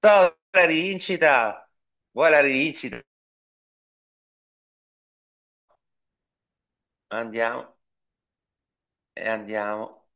Ciao, la rivincita! Vuoi la rivincita? Andiamo e andiamo.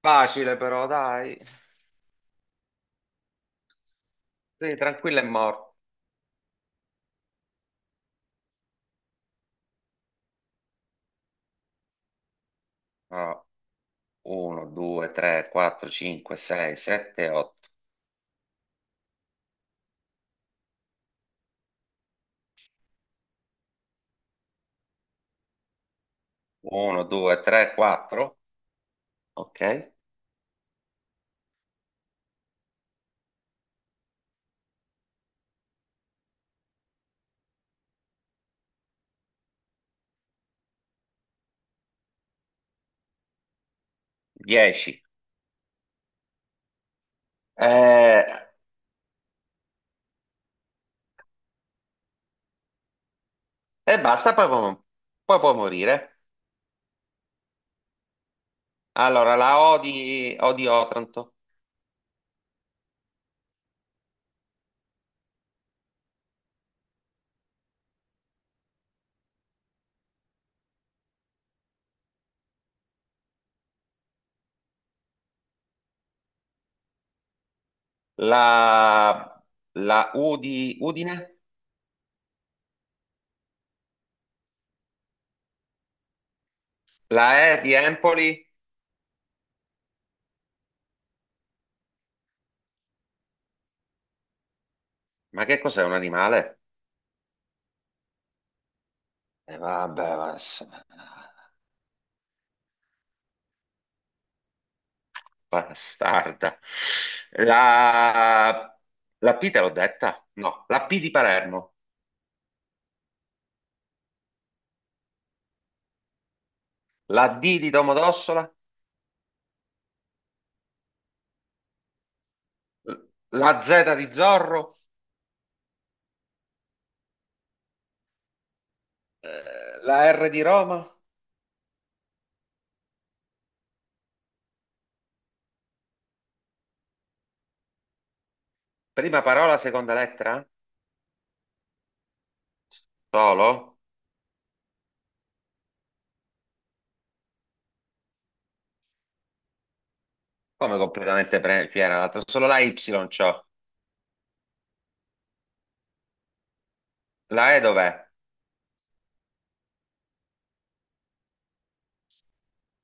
Facile però, dai. Sì, tranquillo è morto. 1, 2, 3, 4, 5, 6, 7, 8. 1, 2, 3, 4. Ok. 10. E basta, poi può morire. Allora, la O di Otranto, la, la U di Udine, la E di Empoli. Ma che cos'è un animale? E vabbè, bastarda. La, la P te l'ho detta? No, la P di Palermo, la D di Domodossola, la Z di Zorro, la R di Roma. Prima parola, seconda lettera? Solo? Come completamente piena l'altra? Solo la Y c'ho. La E dov'è?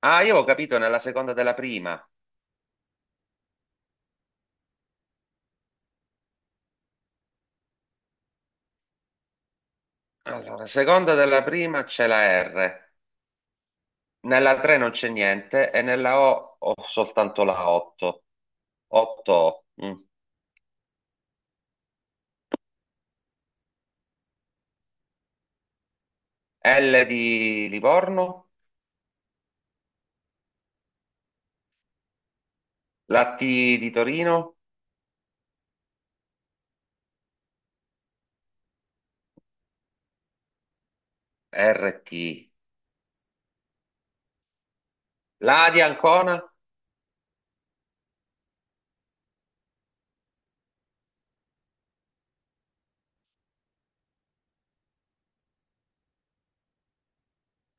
Ah, io ho capito nella seconda della prima. Allora, seconda della prima c'è la R. Nella 3 non c'è niente e nella O ho soltanto la 8. 8 O. Mm. L di Livorno, la T di Torino, RT. La A di Ancona.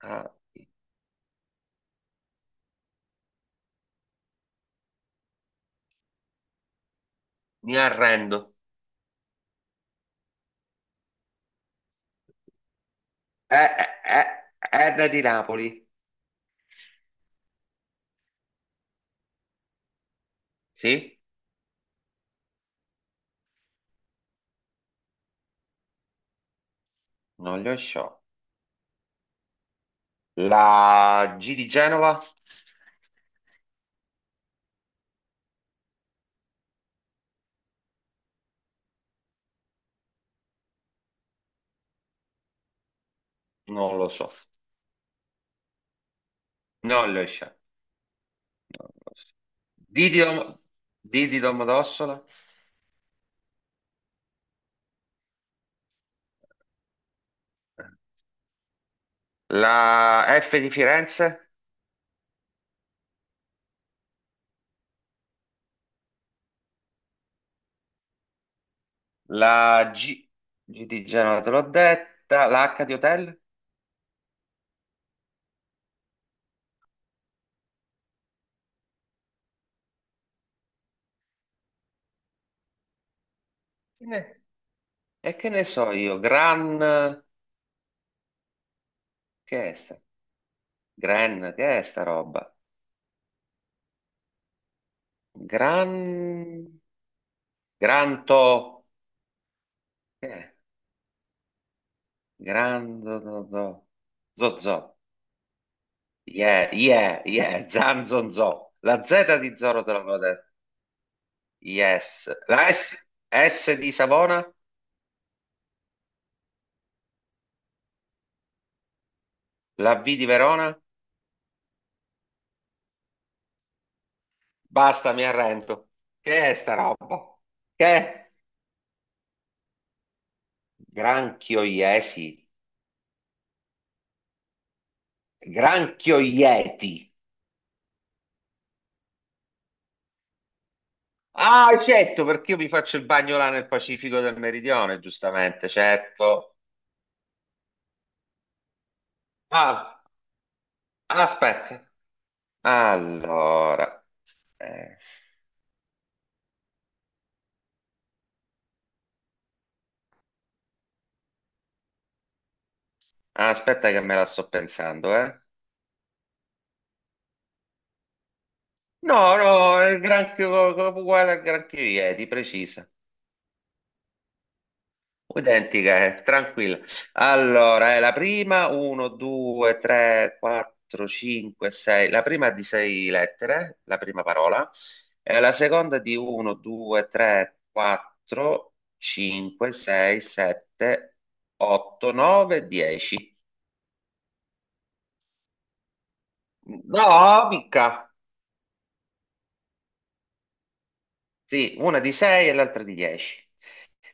Ah, mi arrendo. E, E- R di Napoli, sì? Non le so. La G di Genova, non lo so. Non le so. Non lo so. D di Dom- D di Domodossola, la F di Firenze. La G, G di Genova te l'ho detta, la H di Hotel? Eh, E che ne so io, Gran, che è sta? Gran, che è sta roba? Gran, Granto, che è? Grando, do, do. Zo, zo, yeah, yeah, yeah, zan, zon, zo. La Z di Zoro te l'avevo detto, yes. La S di Savona, la V di Verona, basta, mi arrendo. Che è sta roba? Che è? Granchio Iesi, Granchio Ieti. Ah, certo, perché io mi faccio il bagno là nel Pacifico del Meridione, giustamente, certo. Ah, aspetta. Allora, eh, aspetta che me la sto pensando, eh. No, no, è il granchio uguale al granchio Ieti, preciso. Identiche, tranquilla. Allora, è la prima, 1, 2, 3, 4, 5, 6. La prima è di 6 lettere, la prima parola. E la seconda è di 1, 2, 3, 4, 5, 6, 7, 8, 9, 10. No, mica. Sì, una di 6 e l'altra di 10.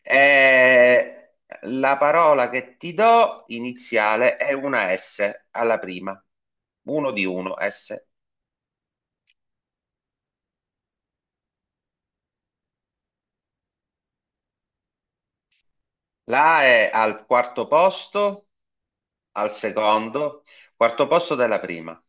E la parola che ti do iniziale è una S alla prima, uno di uno S. La A è al quarto posto, al secondo, quarto posto della prima.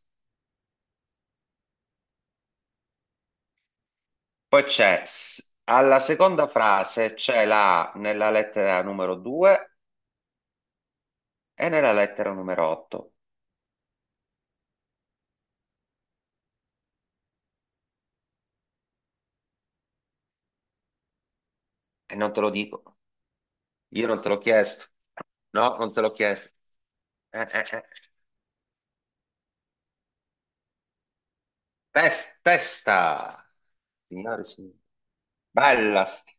Poi c'è, alla seconda frase c'è la A nella lettera numero 2 e nella lettera numero 8. E non te lo dico, io non te l'ho chiesto. No, non te l'ho chiesto. Eh. Testa, signore. Bella, st-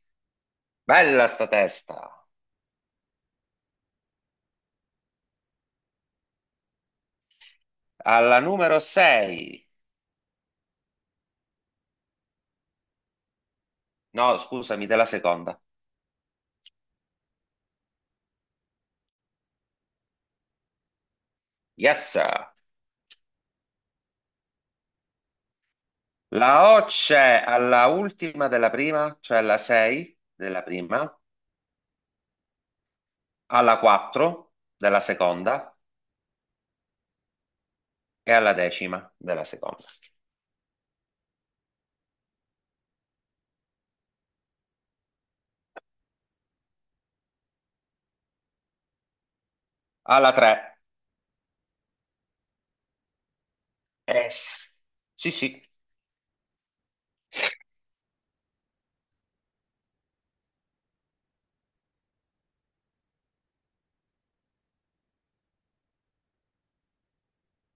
bella sta testa. Alla numero 6. No, scusami, della seconda. Yes. La O c'è alla ultima della prima, cioè alla 6 della prima, alla 4 della seconda e alla decima della seconda. Alla 3. Sì, sì.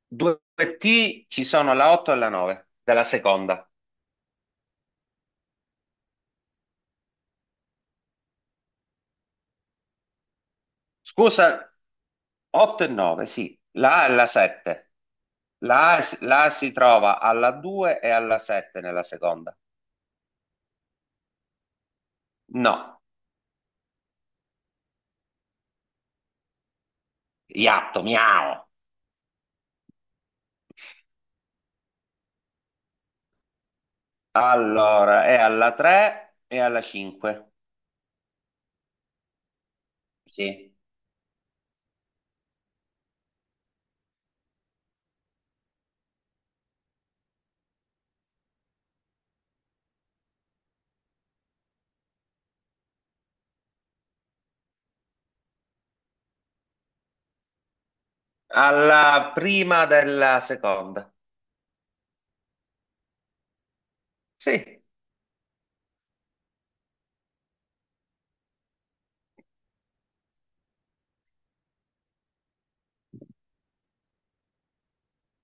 Due T ci sono la 8 e la 9 della seconda. Scusa, 8 e 9, sì. La A e la 7. La A si trova alla 2 e alla 7 nella seconda. No, iatto, miau. Allora, è alla 3 e alla 5. Sì. Alla prima della seconda. Sì.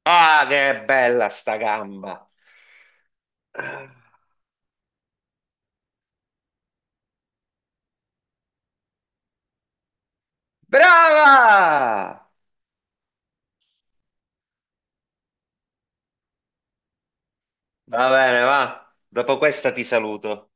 Ah, che bella sta gamba. Brava! Va bene, va. Dopo questa ti saluto.